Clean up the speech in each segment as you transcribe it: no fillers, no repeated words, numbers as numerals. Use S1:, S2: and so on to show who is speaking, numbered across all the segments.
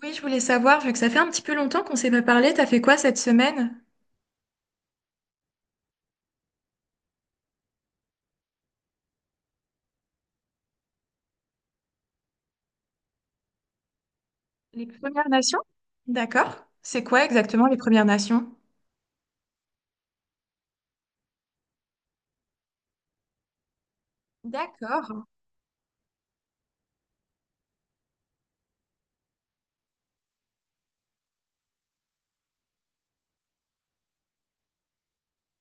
S1: Oui, je voulais savoir, vu que ça fait un petit peu longtemps qu'on s'est pas parlé, t'as fait quoi cette semaine? Les Premières Nations? D'accord. C'est quoi exactement les Premières Nations? D'accord.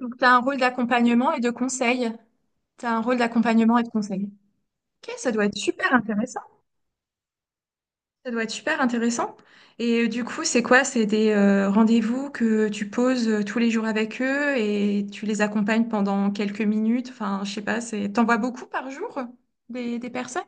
S1: Donc t'as un rôle d'accompagnement et de conseil. T'as un rôle d'accompagnement et de conseil. Ok, ça doit être super intéressant. Ça doit être super intéressant. Et du coup, c'est quoi? C'est des rendez-vous que tu poses tous les jours avec eux et tu les accompagnes pendant quelques minutes. Enfin, je sais pas, c'est t'envoies beaucoup par jour des personnes?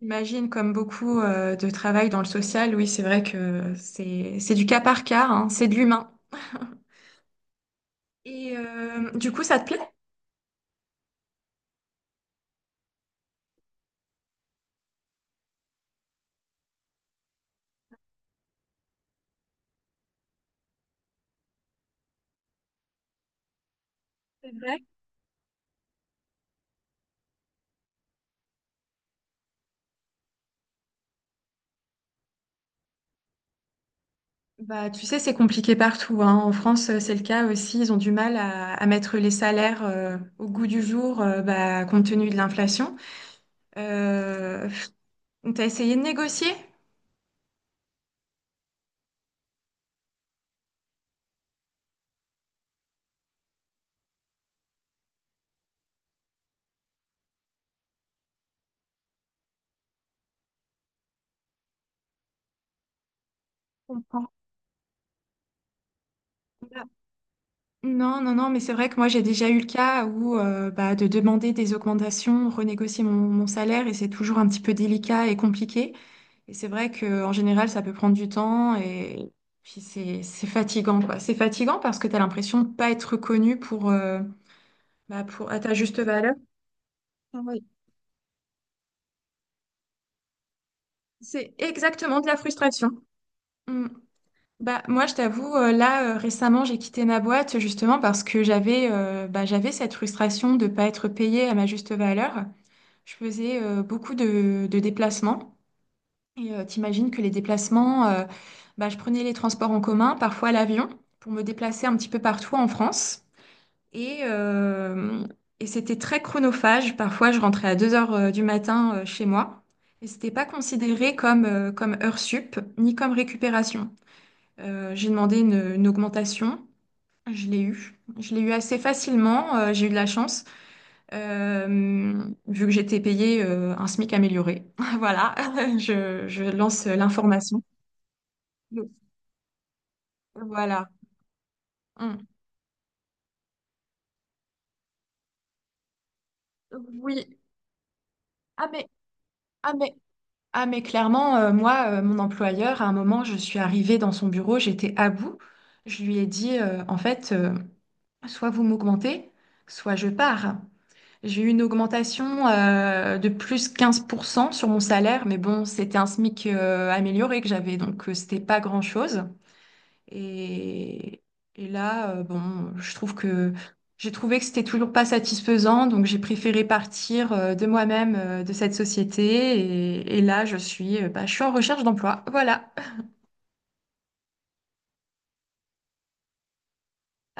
S1: J'imagine, comme beaucoup de travail dans le social, oui, c'est vrai que c'est du cas par cas, hein, c'est de l'humain. Et du coup, ça te plaît? C'est vrai. Bah, tu sais, c'est compliqué partout, hein. En France, c'est le cas aussi. Ils ont du mal à mettre les salaires au goût du jour, bah, compte tenu de l'inflation. Euh, on t'a essayé de négocier? Je comprends. Bah, non, non, non, mais c'est vrai que moi j'ai déjà eu le cas où bah, de demander des augmentations, renégocier mon salaire et c'est toujours un petit peu délicat et compliqué. Et c'est vrai qu'en général, ça peut prendre du temps et puis c'est fatigant, quoi. C'est fatigant parce que tu as l'impression de ne pas être reconnu pour, bah, pour, à ta juste valeur. Ah oui. C'est exactement de la frustration. Mm. Bah, moi, je t'avoue, là, récemment, j'ai quitté ma boîte justement parce que j'avais bah, j'avais cette frustration de ne pas être payée à ma juste valeur. Je faisais beaucoup de déplacements. Et t'imagines que les déplacements, bah, je prenais les transports en commun, parfois l'avion, pour me déplacer un petit peu partout en France. Et, euh, et c'était très chronophage. Parfois, je rentrais à 2 heures du matin chez moi. Et c'était pas considéré comme, comme heure sup, ni comme récupération. J'ai demandé une augmentation. Je l'ai eu. Je l'ai eu assez facilement. J'ai eu de la chance, vu que j'étais payée un SMIC amélioré. Voilà, je lance l'information. Mm. Voilà. Mm. Oui. Ah mais, ah mais, ah mais clairement, moi, mon employeur, à un moment, je suis arrivée dans son bureau, j'étais à bout. Je lui ai dit, en fait, soit vous m'augmentez, soit je pars. J'ai eu une augmentation de plus 15 % sur mon salaire, mais bon, c'était un SMIC amélioré que j'avais, donc c'était pas grand-chose. Et, et là, bon, je trouve que j'ai trouvé que c'était toujours pas satisfaisant, donc j'ai préféré partir de moi-même de cette société. Et là, je suis, bah, je suis en recherche d'emploi. Voilà.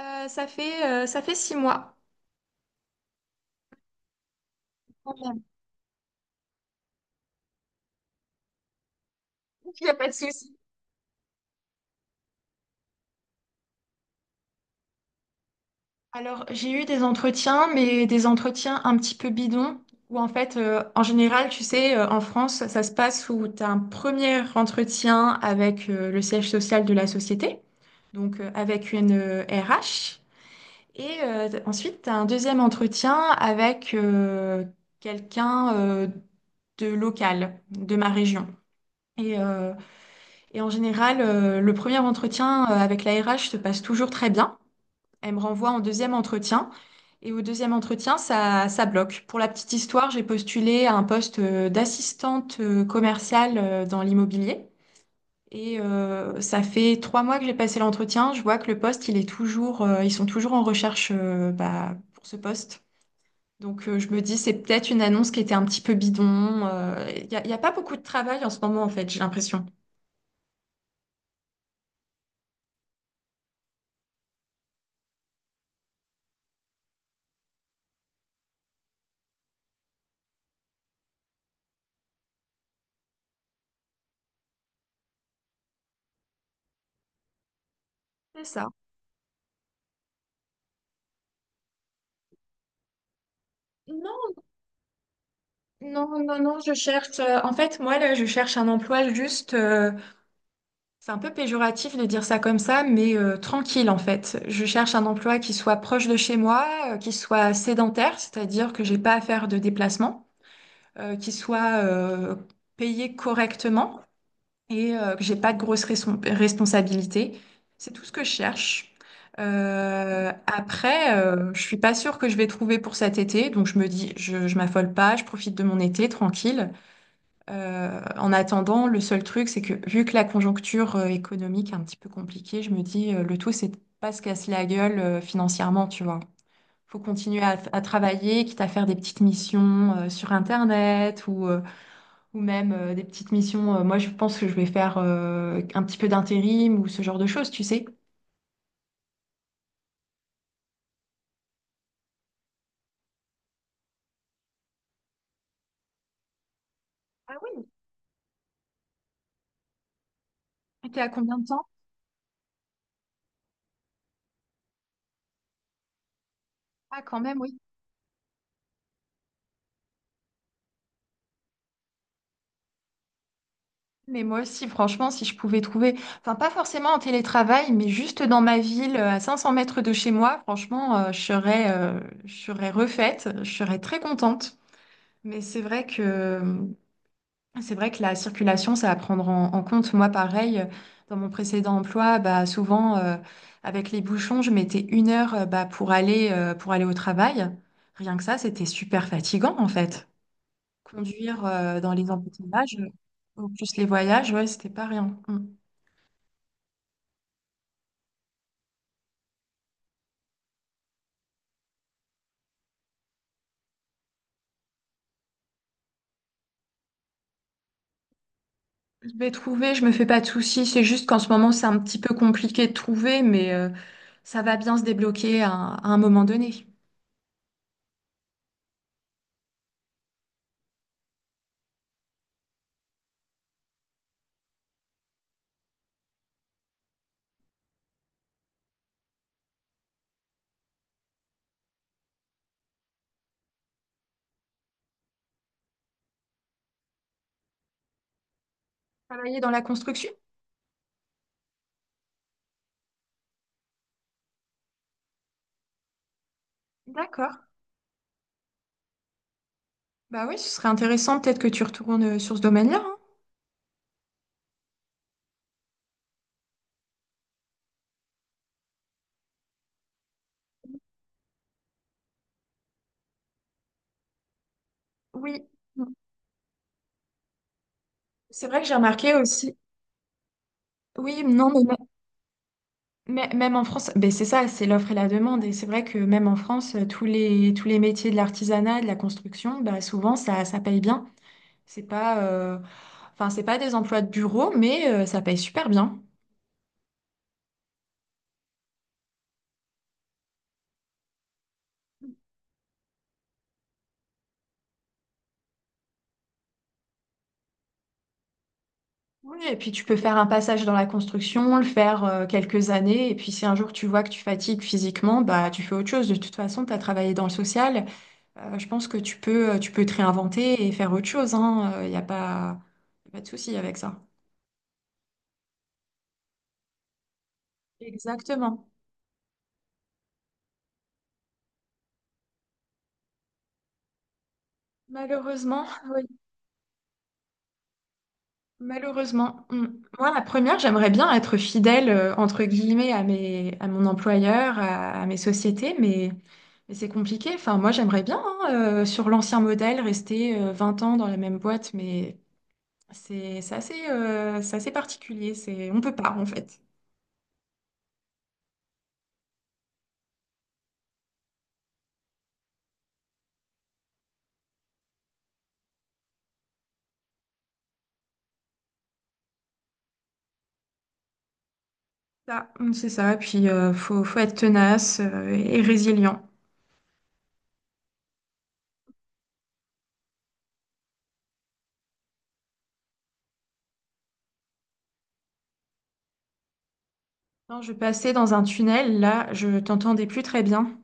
S1: Ça fait 6 mois. Il n'y a pas de souci. Alors, j'ai eu des entretiens, mais des entretiens un petit peu bidons, où en fait, en général, tu sais, en France, ça se passe où tu as un premier entretien avec le siège social de la société. Donc avec une RH. Et ensuite, tu as un deuxième entretien avec quelqu'un de local, de ma région. Et, euh, et en général, le premier entretien avec la RH se passe toujours très bien. Elle me renvoie en deuxième entretien. Et au deuxième entretien, ça bloque. Pour la petite histoire, j'ai postulé à un poste d'assistante commerciale dans l'immobilier. Et ça fait 3 mois que j'ai passé l'entretien. Je vois que le poste, il est toujours, ils sont toujours en recherche bah, pour ce poste. Donc je me dis, c'est peut-être une annonce qui était un petit peu bidon. Il y a pas beaucoup de travail en ce moment, en fait, j'ai l'impression. C'est ça. Non, non, non, non, je cherche. En fait, moi, là, je cherche un emploi juste. C'est un peu péjoratif de dire ça comme ça, mais tranquille, en fait. Je cherche un emploi qui soit proche de chez moi, qui soit sédentaire, c'est-à-dire que j'ai pas à faire de déplacement. Qui soit payé correctement et que j'ai pas de grosses responsabilités. C'est tout ce que je cherche. Après, je suis pas sûre que je vais trouver pour cet été, donc je me dis, je m'affole pas, je profite de mon été tranquille. En attendant, le seul truc, c'est que vu que la conjoncture économique est un petit peu compliquée, je me dis, le tout, c'est de pas se casser la gueule financièrement, tu vois. Faut continuer à travailler, quitte à faire des petites missions sur Internet ou même des petites missions. Moi, je pense que je vais faire un petit peu d'intérim ou ce genre de choses, tu sais. Ah oui, et t'es à combien de temps? Ah quand même, oui. Mais moi aussi, franchement, si je pouvais trouver, enfin pas forcément en télétravail, mais juste dans ma ville, à 500 mètres de chez moi, franchement, je serais refaite, je serais très contente. Mais c'est vrai que la circulation, c'est à prendre en compte. Moi, pareil, dans mon précédent emploi, bah, souvent, avec les bouchons, je mettais une heure, bah, pour aller au travail. Rien que ça, c'était super fatigant, en fait. Conduire, dans les embouteillages, en plus les voyages, ouais, c'était pas rien. Mm. Je vais trouver, je me fais pas de soucis. C'est juste qu'en ce moment, c'est un petit peu compliqué de trouver, mais ça va bien se débloquer à un moment donné. Travailler dans la construction? D'accord. Bah oui, ce serait intéressant peut-être que tu retournes sur ce domaine-là. Hein. Oui, mm, c'est vrai que j'ai remarqué aussi. Oui, non, mais, même en France, ben c'est ça, c'est l'offre et la demande. Et c'est vrai que même en France, tous les métiers de l'artisanat, de la construction, bah, souvent ça paye bien. C'est pas, enfin, c'est pas des emplois de bureau, mais ça paye super bien. Oui, et puis tu peux faire un passage dans la construction, le faire quelques années, et puis si un jour tu vois que tu fatigues physiquement, bah tu fais autre chose. De toute façon, tu as travaillé dans le social. Je pense que tu peux te réinventer et faire autre chose, hein. Il n'y a pas, Y a pas de souci avec ça. Exactement. Malheureusement, oui, malheureusement. Mm. Moi, la première, j'aimerais bien être fidèle, entre guillemets, à mes, à mon employeur, à mes sociétés, mais c'est compliqué. Enfin, moi, j'aimerais bien, hein, sur l'ancien modèle, rester 20 ans dans la même boîte, mais c'est assez, c'est assez particulier. C'est, on peut pas, en fait. Ça, mmh, c'est ça. Puis faut être tenace et résilient. Non, je passais dans un tunnel, là, je t'entendais plus très bien.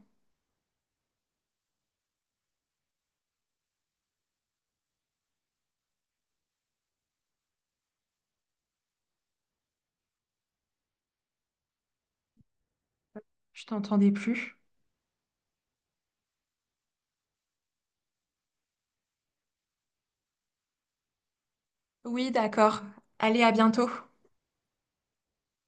S1: Je t'entendais plus. Oui, d'accord. Allez, à bientôt.